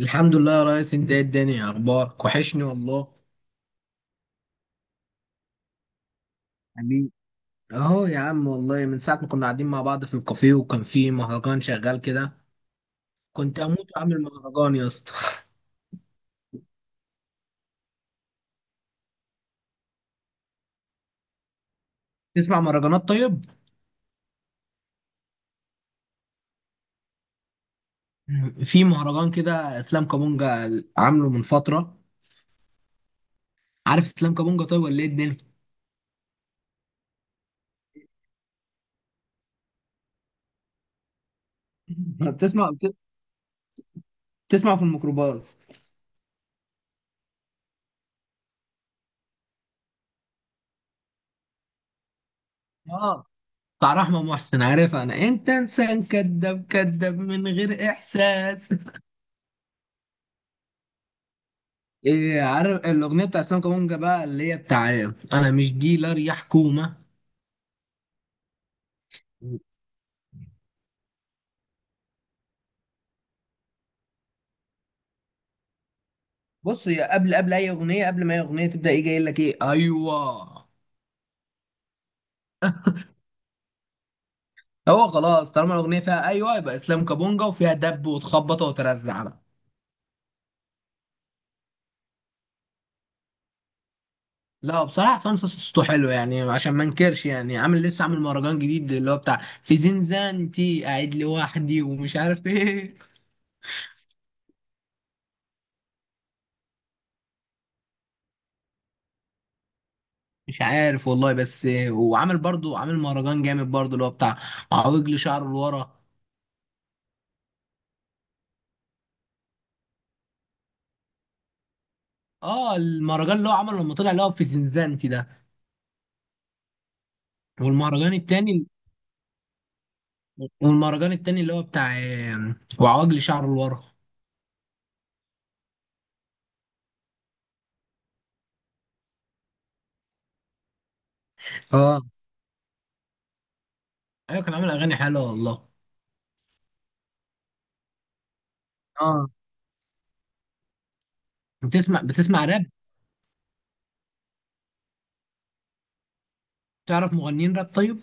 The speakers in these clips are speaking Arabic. الحمد لله يا ريس، انت ايه الدنيا؟ اخبارك وحشني والله. حبيبي، اهو يا عم والله من ساعة ما كنا قاعدين مع بعض في الكافيه وكان في مهرجان شغال كده. كنت اموت واعمل مهرجان يا اسطى. تسمع مهرجانات طيب؟ في مهرجان كده اسلام كابونجا، عامله من فترة. عارف اسلام كابونجا طيب ولا ايه الدنيا؟ بتسمع بت- بتسمع في الميكروباص. اه، بتاع رحمة محسن، عارف؟ انا انت انسان كذاب، كذاب من غير احساس. إيه، عارف الأغنية بتاع اسلام كابونجا بقى اللي هي بتاع أنا مش ديلر يا حكومة؟ بص هي قبل أي أغنية، قبل ما أي أغنية تبدأ، إيه جاي لك؟ إيه، أيوه. هو خلاص، طالما الأغنية فيها أيوه يبقى اسلام كابونجا، وفيها دب وتخبط وترزع بقى. لا بصراحة حسام صاصا صوته حلو يعني، عشان ما انكرش يعني. عامل، لسه عامل مهرجان جديد اللي هو بتاع في زنزانتي قاعد لوحدي ومش عارف ايه. مش عارف والله، بس وعامل برضو، عامل مهرجان جامد برضو اللي هو بتاع عوجل شعره لورا. اه، المهرجان اللي هو عمله لما طلع اللي هو في زنزانتي ده. والمهرجان التاني، والمهرجان التاني اللي هو بتاع وعواجلي شعره لورا. اه ايوه، كان عامل اغاني حلوه والله. اه، بتسمع راب؟ تعرف مغنيين راب طيب؟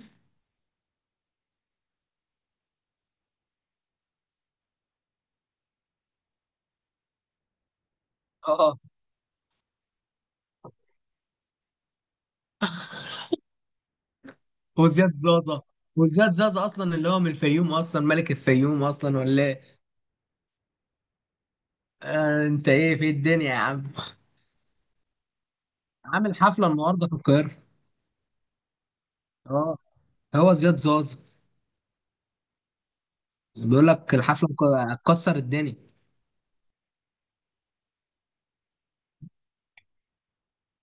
اه، وزياد زازا. وزياد زازا اصلا اللي هو من الفيوم اصلا، ملك الفيوم اصلا ولا ايه؟ آه انت ايه في الدنيا يا عم؟ عامل حفله النهارده في القاهره. اه، هو زياد زازا بيقول لك الحفله هتكسر الدنيا.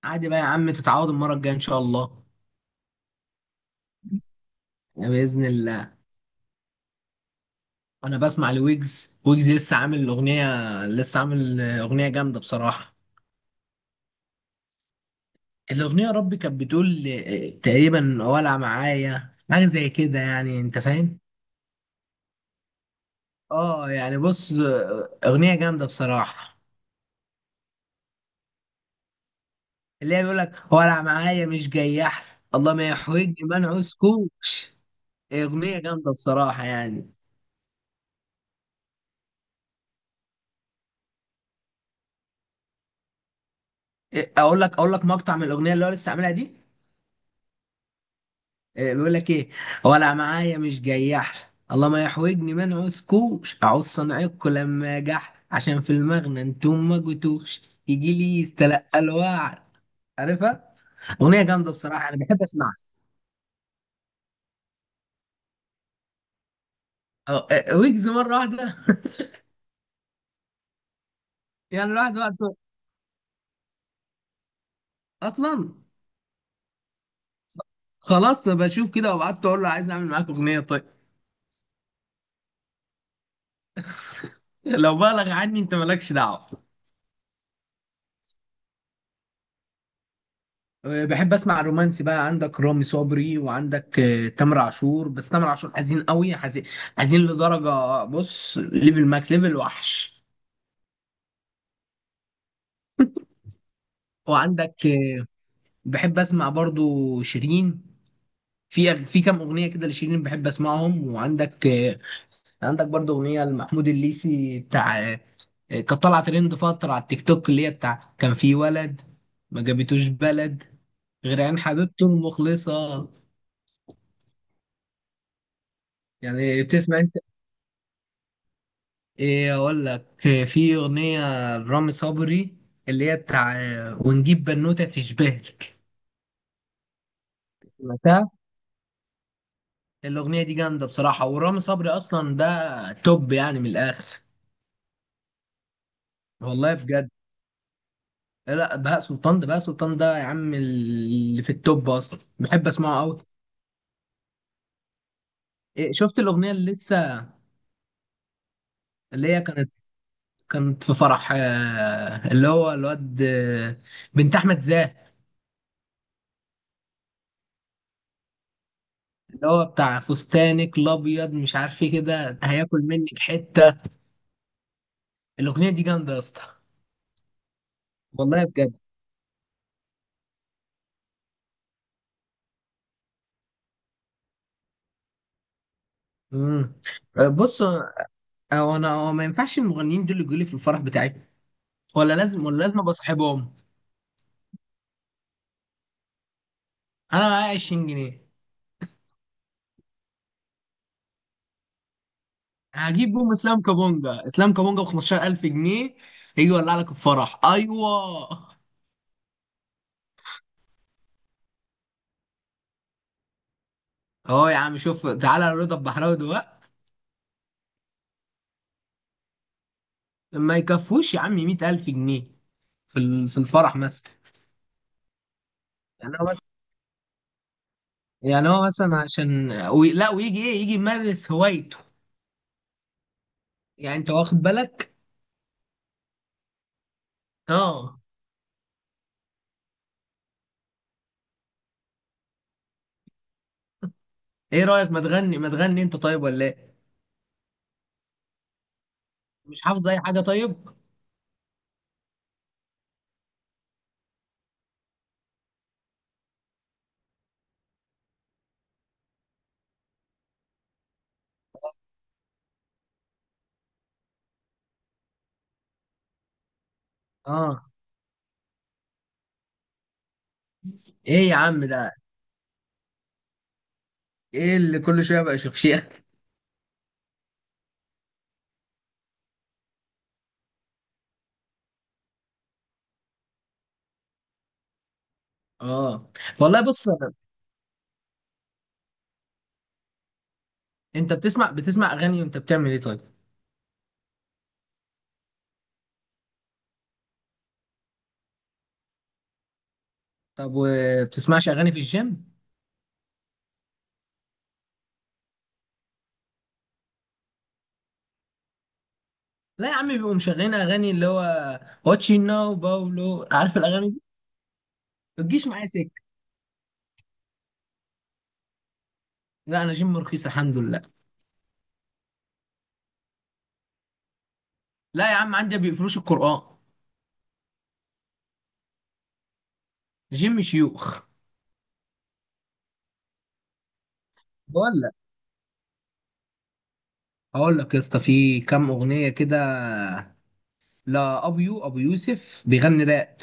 عادي بقى يا عم، تتعود المره الجايه ان شاء الله. بإذن الله. أنا بسمع لويجز. ويجز لسه عامل أغنية، لسه عامل أغنية جامدة بصراحة. الأغنية يا ربي كانت بتقول تقريبا ولع معايا، حاجة زي كده يعني. أنت فاهم؟ آه يعني بص، أغنية جامدة بصراحة. اللي هي بيقول لك ولع معايا مش جياح، الله ما يحوج، ما نعوزكوش. أغنية جامدة بصراحة يعني. إيه، أقول لك مقطع من الأغنية اللي هو لسه عاملها دي. إيه، بيقول لك ايه، ولا معايا مش جياح، الله ما يحوجني، ما نعوزكوش، اعوز صنعكوا لما جح، عشان في المغنى انتم ما جيتوش، يجي لي يستلقى الوعد. عارفها؟ اغنيه جامده بصراحه، انا بحب اسمعها. أه، ويجز مره واحده. يعني الواحد وقته اصلا، خلاص بشوف كده وبعت اقول له عايز اعمل معاك اغنيه طيب. لو بالغ عني انت مالكش دعوه. بحب اسمع الرومانسي بقى، عندك رامي صبري، وعندك تامر عاشور. بس تامر عاشور حزين قوي، حزين، حزين لدرجة، بص، ليفل ماكس، ليفل وحش. وعندك بحب اسمع برضو شيرين، في كام اغنية كده لشيرين بحب اسمعهم. وعندك عندك برضو اغنية لمحمود الليثي بتاع كانت طالعة ترند فترة على التيك توك، اللي هي بتاع كان في ولد ما جابتوش بلد غير عين حبيبته المخلصة. يعني بتسمع؟ ايه اقول لك، في اغنيه لرامي صبري اللي هي بتاع ونجيب بنوته تشبهك. سمعتها؟ الاغنيه دي جامده بصراحه، ورامي صبري اصلا ده توب يعني من الاخر. والله بجد. لا بهاء سلطان، ده بهاء سلطان ده يا عم اللي في التوب اصلا، بحب اسمعه قوي. إيه، شفت الاغنيه اللي لسه، اللي هي كانت، كانت في فرح اللي هو الواد بنت احمد زاهر؟ اللي هو بتاع فستانك الابيض مش عارف ايه كده، هياكل منك حته. الاغنيه دي جامده يا اسطى، والله بجد. امم، بص هو، انا هو ما ينفعش المغنيين دول يجوا لي في الفرح بتاعي، ولا لازم ابقى صاحبهم. انا معايا 20 جنيه. هجيب بوم اسلام كابونجا، اسلام كابونجا ب 15,000 جنيه يجي يولع لك الفرح، ايوه. اهو يا عم شوف، تعالى رضا البحراوي دلوقتي ما يكفوش يا عم 100,000 جنيه في في الفرح مثلا. يعني هو مثلا، يعني هو مثلا عشان لا ويجي ايه، يجي يمارس هوايته. يعني انت واخد بالك. اه. ايه رأيك، ما تغني انت طيب ولا ايه؟ مش حافظ اي حاجة طيب؟ اه. ايه يا عم ده؟ ايه اللي كل شوية بقى شخشيخ؟ اه والله. بص، انت بتسمع اغاني وانت بتعمل ايه طيب؟ طب وبتسمعش اغاني في الجيم؟ لا يا عم، بيبقوا مشغلين اغاني اللي هو واتشي ناو باولو، عارف الاغاني دي؟ ما تجيش معايا سكة، لا انا جيم رخيص الحمد لله. لا يا عم عندي ما بيقفلوش القرآن، جيم شيوخ. ولا اقول لك يا اسطى، في كام اغنيه كده. لا ابو يوسف بيغني راب.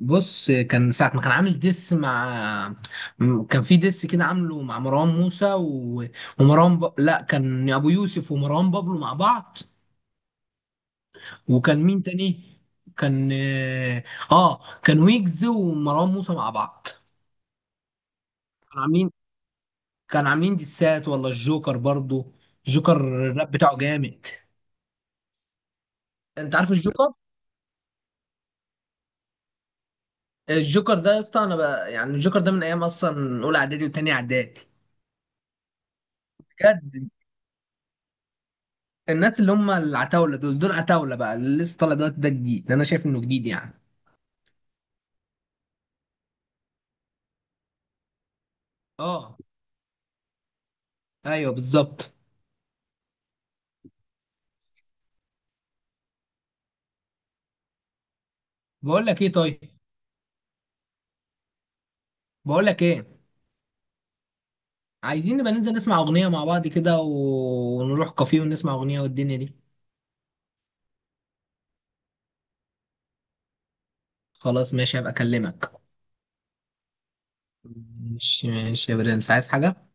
بص، كان ساعة ما كان عامل ديس مع، كان في ديس كده عامله مع مروان موسى و... ومروان لا، كان أبو يوسف ومروان بابلو مع بعض. وكان مين تاني؟ كان اه، كان ويجز ومروان موسى مع بعض. كانوا عاملين، كانوا عاملين ديسات. والله الجوكر برضو، الجوكر الراب بتاعه جامد. انت عارف الجوكر؟ الجوكر ده يا اسطى، انا بقى يعني الجوكر ده من ايام اصلا اولى اعدادي وتانية اعدادي. بجد. الناس اللي هم العتاوله دول، دول عتاوله بقى. اللي لسه طالع دلوقتي ده جديد، انا شايف انه جديد يعني. اه ايوه بالظبط. بقول لك ايه طيب، بقول لك ايه، عايزين نبقى ننزل نسمع اغنيه مع بعض كده ونروح كافيه ونسمع اغنيه والدنيا دي. خلاص ماشي، هبقى اكلمك. ماشي ماشي يا برنس، عايز حاجه؟